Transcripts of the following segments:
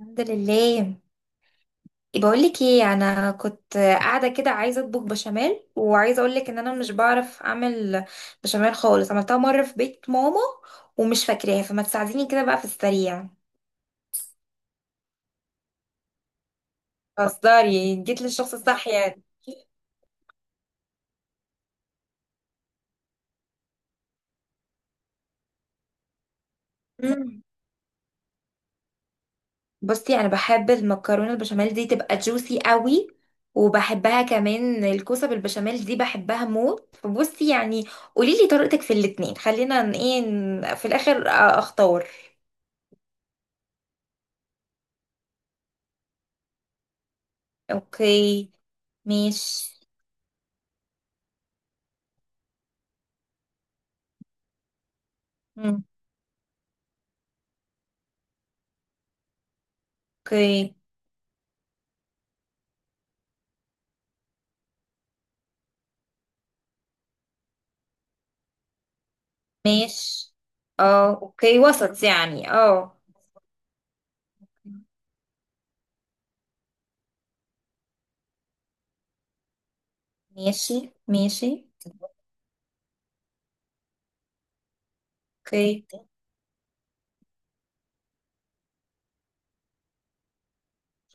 الحمد لله. بقول لك ايه، انا كنت قاعده كده عايزه اطبخ بشاميل، وعايزه اقول لك ان انا مش بعرف اعمل بشاميل خالص. عملتها مره في بيت ماما ومش فاكراها، فما تساعديني كده بقى في السريع. اصدري جيت للشخص الصح يعني. مم. بصي، انا بحب المكرونه البشاميل دي تبقى جوسي قوي، وبحبها كمان الكوسه بالبشاميل دي بحبها موت، فبصي يعني قولي لي طريقتك في الاتنين، خلينا في الاخر اختار. اوكي ماشي. مم. اوكي ماشي. اه اوكي وسط يعني ماشي ماشي. اوكي.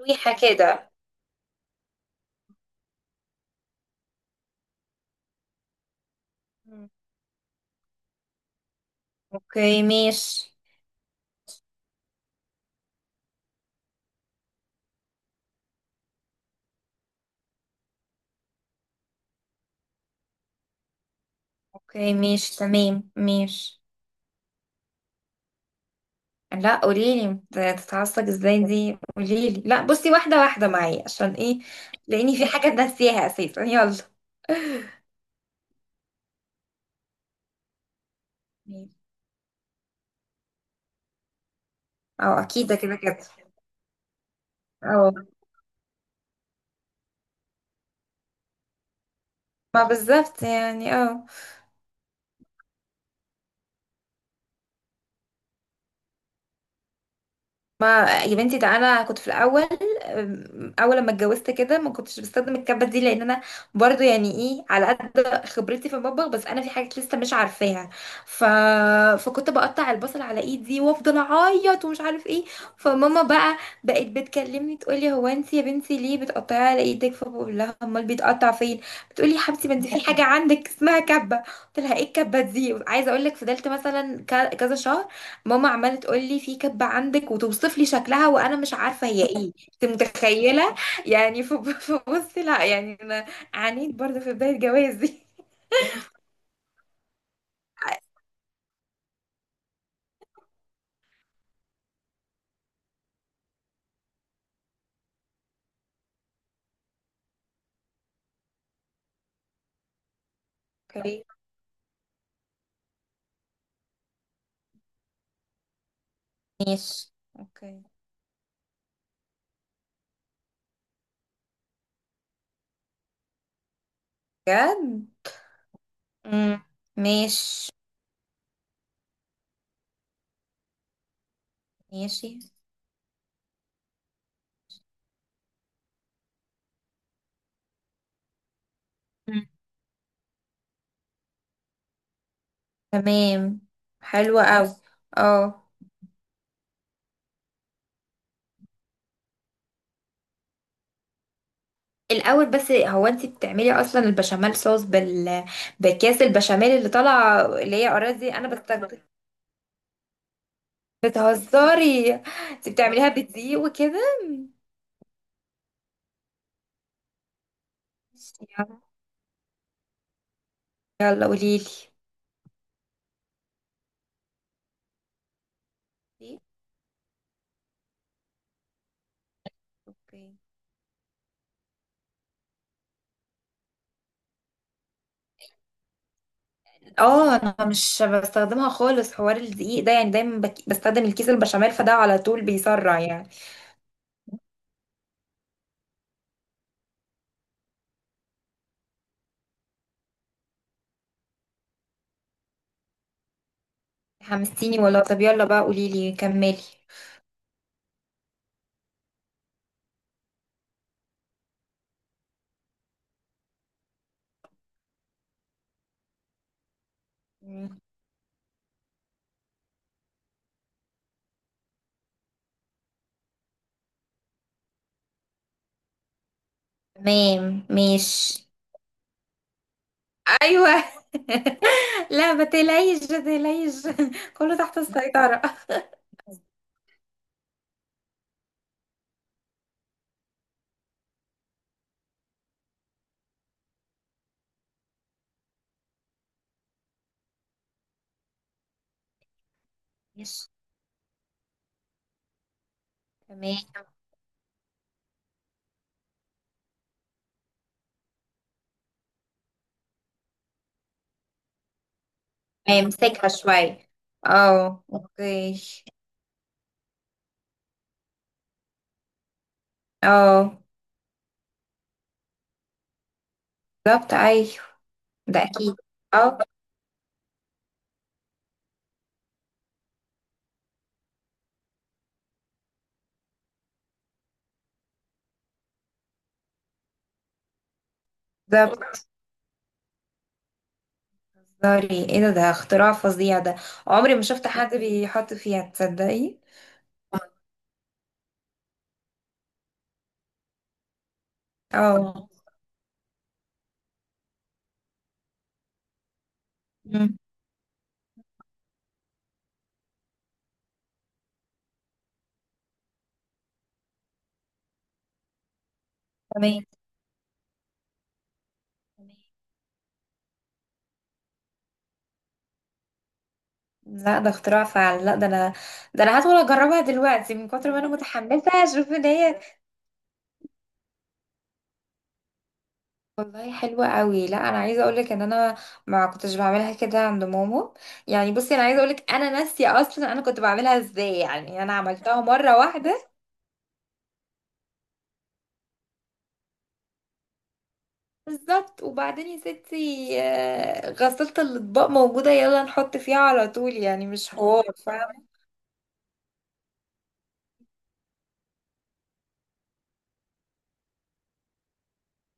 ريحة كده. مم. اوكي ماشي. اوكي ماشي تمام ماشي. لا، قوليلي تتعصب ازاي دي، قوليلي، لا بصي واحدة واحدة معايا عشان ايه. لاني في حاجة ناسيها اساسا، يلا. مم. اه اكيد ده كده كده. اه، ما بالظبط يعني ما يا بنتي، ده انا كنت في الاول. اول لما اتجوزت كده ما كنتش بستخدم الكبه دي لان انا برضو يعني ايه على قد خبرتي في المطبخ، بس انا في حاجات لسه مش عارفاها. ف... فكنت بقطع البصل على ايدي وافضل اعيط ومش عارف ايه. فماما بقى بقت بتكلمني تقولي، هو انت يا بنتي ليه بتقطعي على ايدك؟ فبقول لها امال بيتقطع فين؟ بتقولي يا حبيبتي ما انت في حاجه عندك اسمها كبه. قلت لها ايه الكبه دي؟ عايزه اقول لك فضلت مثلا كذا شهر ماما عماله تقول لي في كبه عندك وتوصف لي شكلها وانا مش عارفه هي ايه. انت متخيله؟ يعني فبص، لا يعني انا عانيت برضه في بدايه جوازي. اوكي ماشي. اوكي. بجد. مم. ماشي ماشي. مم. تمام. حلوة قوي. اه الاول بس، هو انت بتعملي اصلا البشاميل صوص بكاس البشاميل اللي طالعه اللي هي اراضي انا بستخدم؟ بتهزري؟ انت بتعمليها بدقيق وكده؟ يلا يلا قوليلي. دقيق؟ اوكي. اه انا مش بستخدمها خالص حوار الدقيق ده يعني، دايما بستخدم الكيس البشاميل، فده على طول بيسرع يعني. حمستيني والله، طب يلا بقى قوليلي، كملي. مم. تمام ماشي. ايوه. لا ما تقلقيش ما تقلقيش. كله تحت السيطرة. ماشي تمام. تمام، امسكها شوية. اه اوكي. اه بالظبط ايوه. ده اكيد. اه. بالظبط. سوري، ايه ده؟ ده اختراع فظيع ده. عمري ما شفت حد بيحط فيها، تصدقي؟ اه. مم. تمام. لا ده اختراع فعلا، لا ده انا، ده انا هدخل اجربها دلوقتي من كتر ما انا متحمسه. اشوف ان هي، والله حلوه قوي. لا انا عايزه اقول لك ان انا ما كنتش بعملها كده عند ماما، يعني بصي انا عايزه اقول لك انا ناسيه اصلا انا كنت بعملها ازاي، يعني انا عملتها مره واحده. بالظبط. وبعدين يا ستي، غسالة الأطباق موجودة، يلا نحط فيها على طول يعني، مش حوار فاهمة.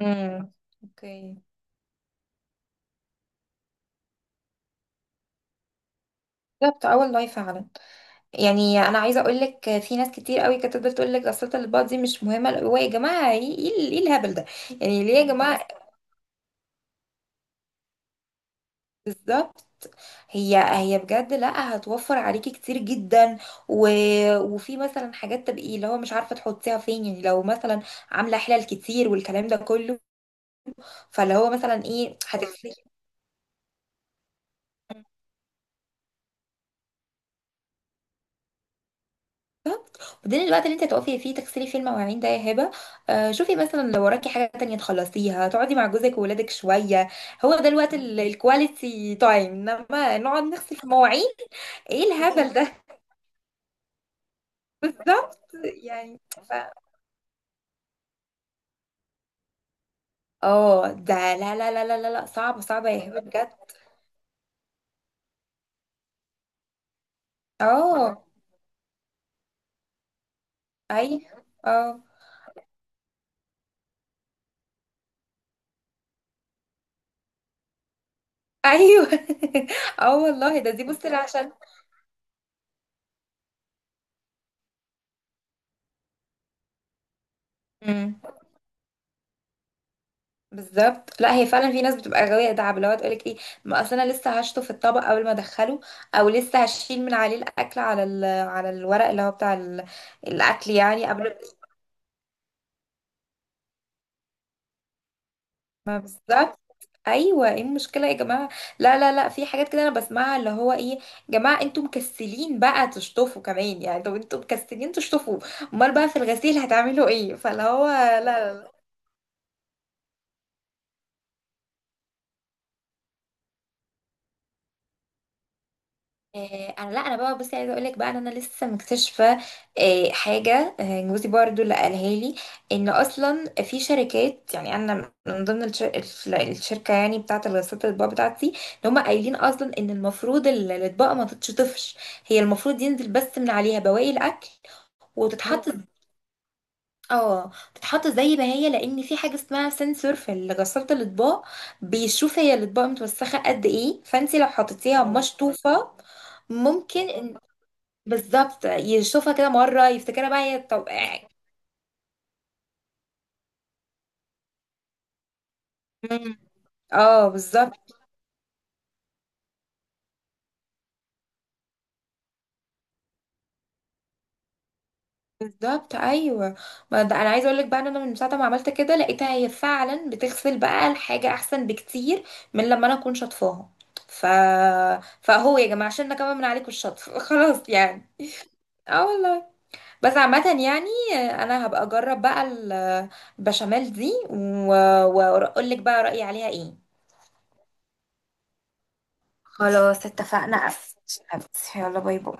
امم. اوكي. بالظبط، اول لايف فعلا. يعني انا عايزه اقول لك في ناس كتير قوي كانت تفضل تقول لك غسالة الاطباق دي مش مهمه، هو يا جماعه ايه إيه الهبل ده؟ يعني ليه يا جماعه؟ بالظبط. هي بجد لا هتوفر عليكي كتير جدا. و... وفي مثلا حاجات تبقي اللي هو مش عارفه تحطيها فين، يعني لو مثلا عامله حلل كتير والكلام ده كله، فاللي هو مثلا ايه، خدين الوقت اللي انت هتقفي فيه تغسلي فيه المواعين ده يا هبه. شوفي مثلا لو وراكي حاجه تانية تخلصيها تقعدي مع جوزك وولادك شويه، هو ده الوقت الكواليتي تايم، انما نقعد نغسل في مواعين؟ ايه الهبل ده. بالظبط يعني. ف... اه ده لا لا لا لا لا لا، صعب صعب يا هبه بجد. اه. اي. اه. ايوه. اه والله. ده دي بصي عشان بالظبط. لا هي فعلا في ناس بتبقى غاوية دعب، اللي هو تقولك ايه، ما اصل انا لسه هشطه في الطبق اول ما ادخله، او لسه هشيل من عليه الاكل على على الورق اللي هو بتاع الاكل يعني، قبل. ما بالظبط ايوه. ايه المشكله يا جماعه؟ لا لا لا، في حاجات كده انا بسمعها اللي هو ايه، يا جماعه انتوا مكسلين بقى تشطفوا كمان يعني؟ طب انتوا مكسلين تشطفوا، امال بقى في الغسيل هتعملوا ايه؟ فاللي هو لا، انا لا انا بقى بصي عايزه اقول لك بقى ان انا لسه مكتشفه حاجه، جوزي برضو اللي قالها لي ان اصلا في شركات، يعني انا من ضمن الشركه يعني بتاعه الغسالات الاطباق بتاعتي، ان هم قايلين اصلا ان المفروض الاطباق ما تتشطفش، هي المفروض ينزل بس من عليها بواقي الاكل وتتحط. مم. مم. اه تتحط زي ما هي، لان في حاجه اسمها سنسور في غساله الاطباق بيشوف هي الاطباق متوسخه قد ايه، فانت لو حطيتيها مشطوفه ممكن. بالظبط يشوفها كده مرة يفتكرها بقى هي طب. مم. اه بالظبط. بالظبط ايوه. ما ده انا عايزه اقول لك بقى ان انا من ساعه ما عملت كده لقيتها هي فعلا بتغسل بقى الحاجه احسن بكتير من لما انا اكون شاطفاها. ف فهو يا جماعه عشان كمان من عليكم الشطف. خلاص يعني. اه والله. بس عامة يعني انا هبقى اجرب بقى البشاميل دي واقول لك بقى رأيي عليها ايه. خلاص اتفقنا، قفل. يلا باي باي.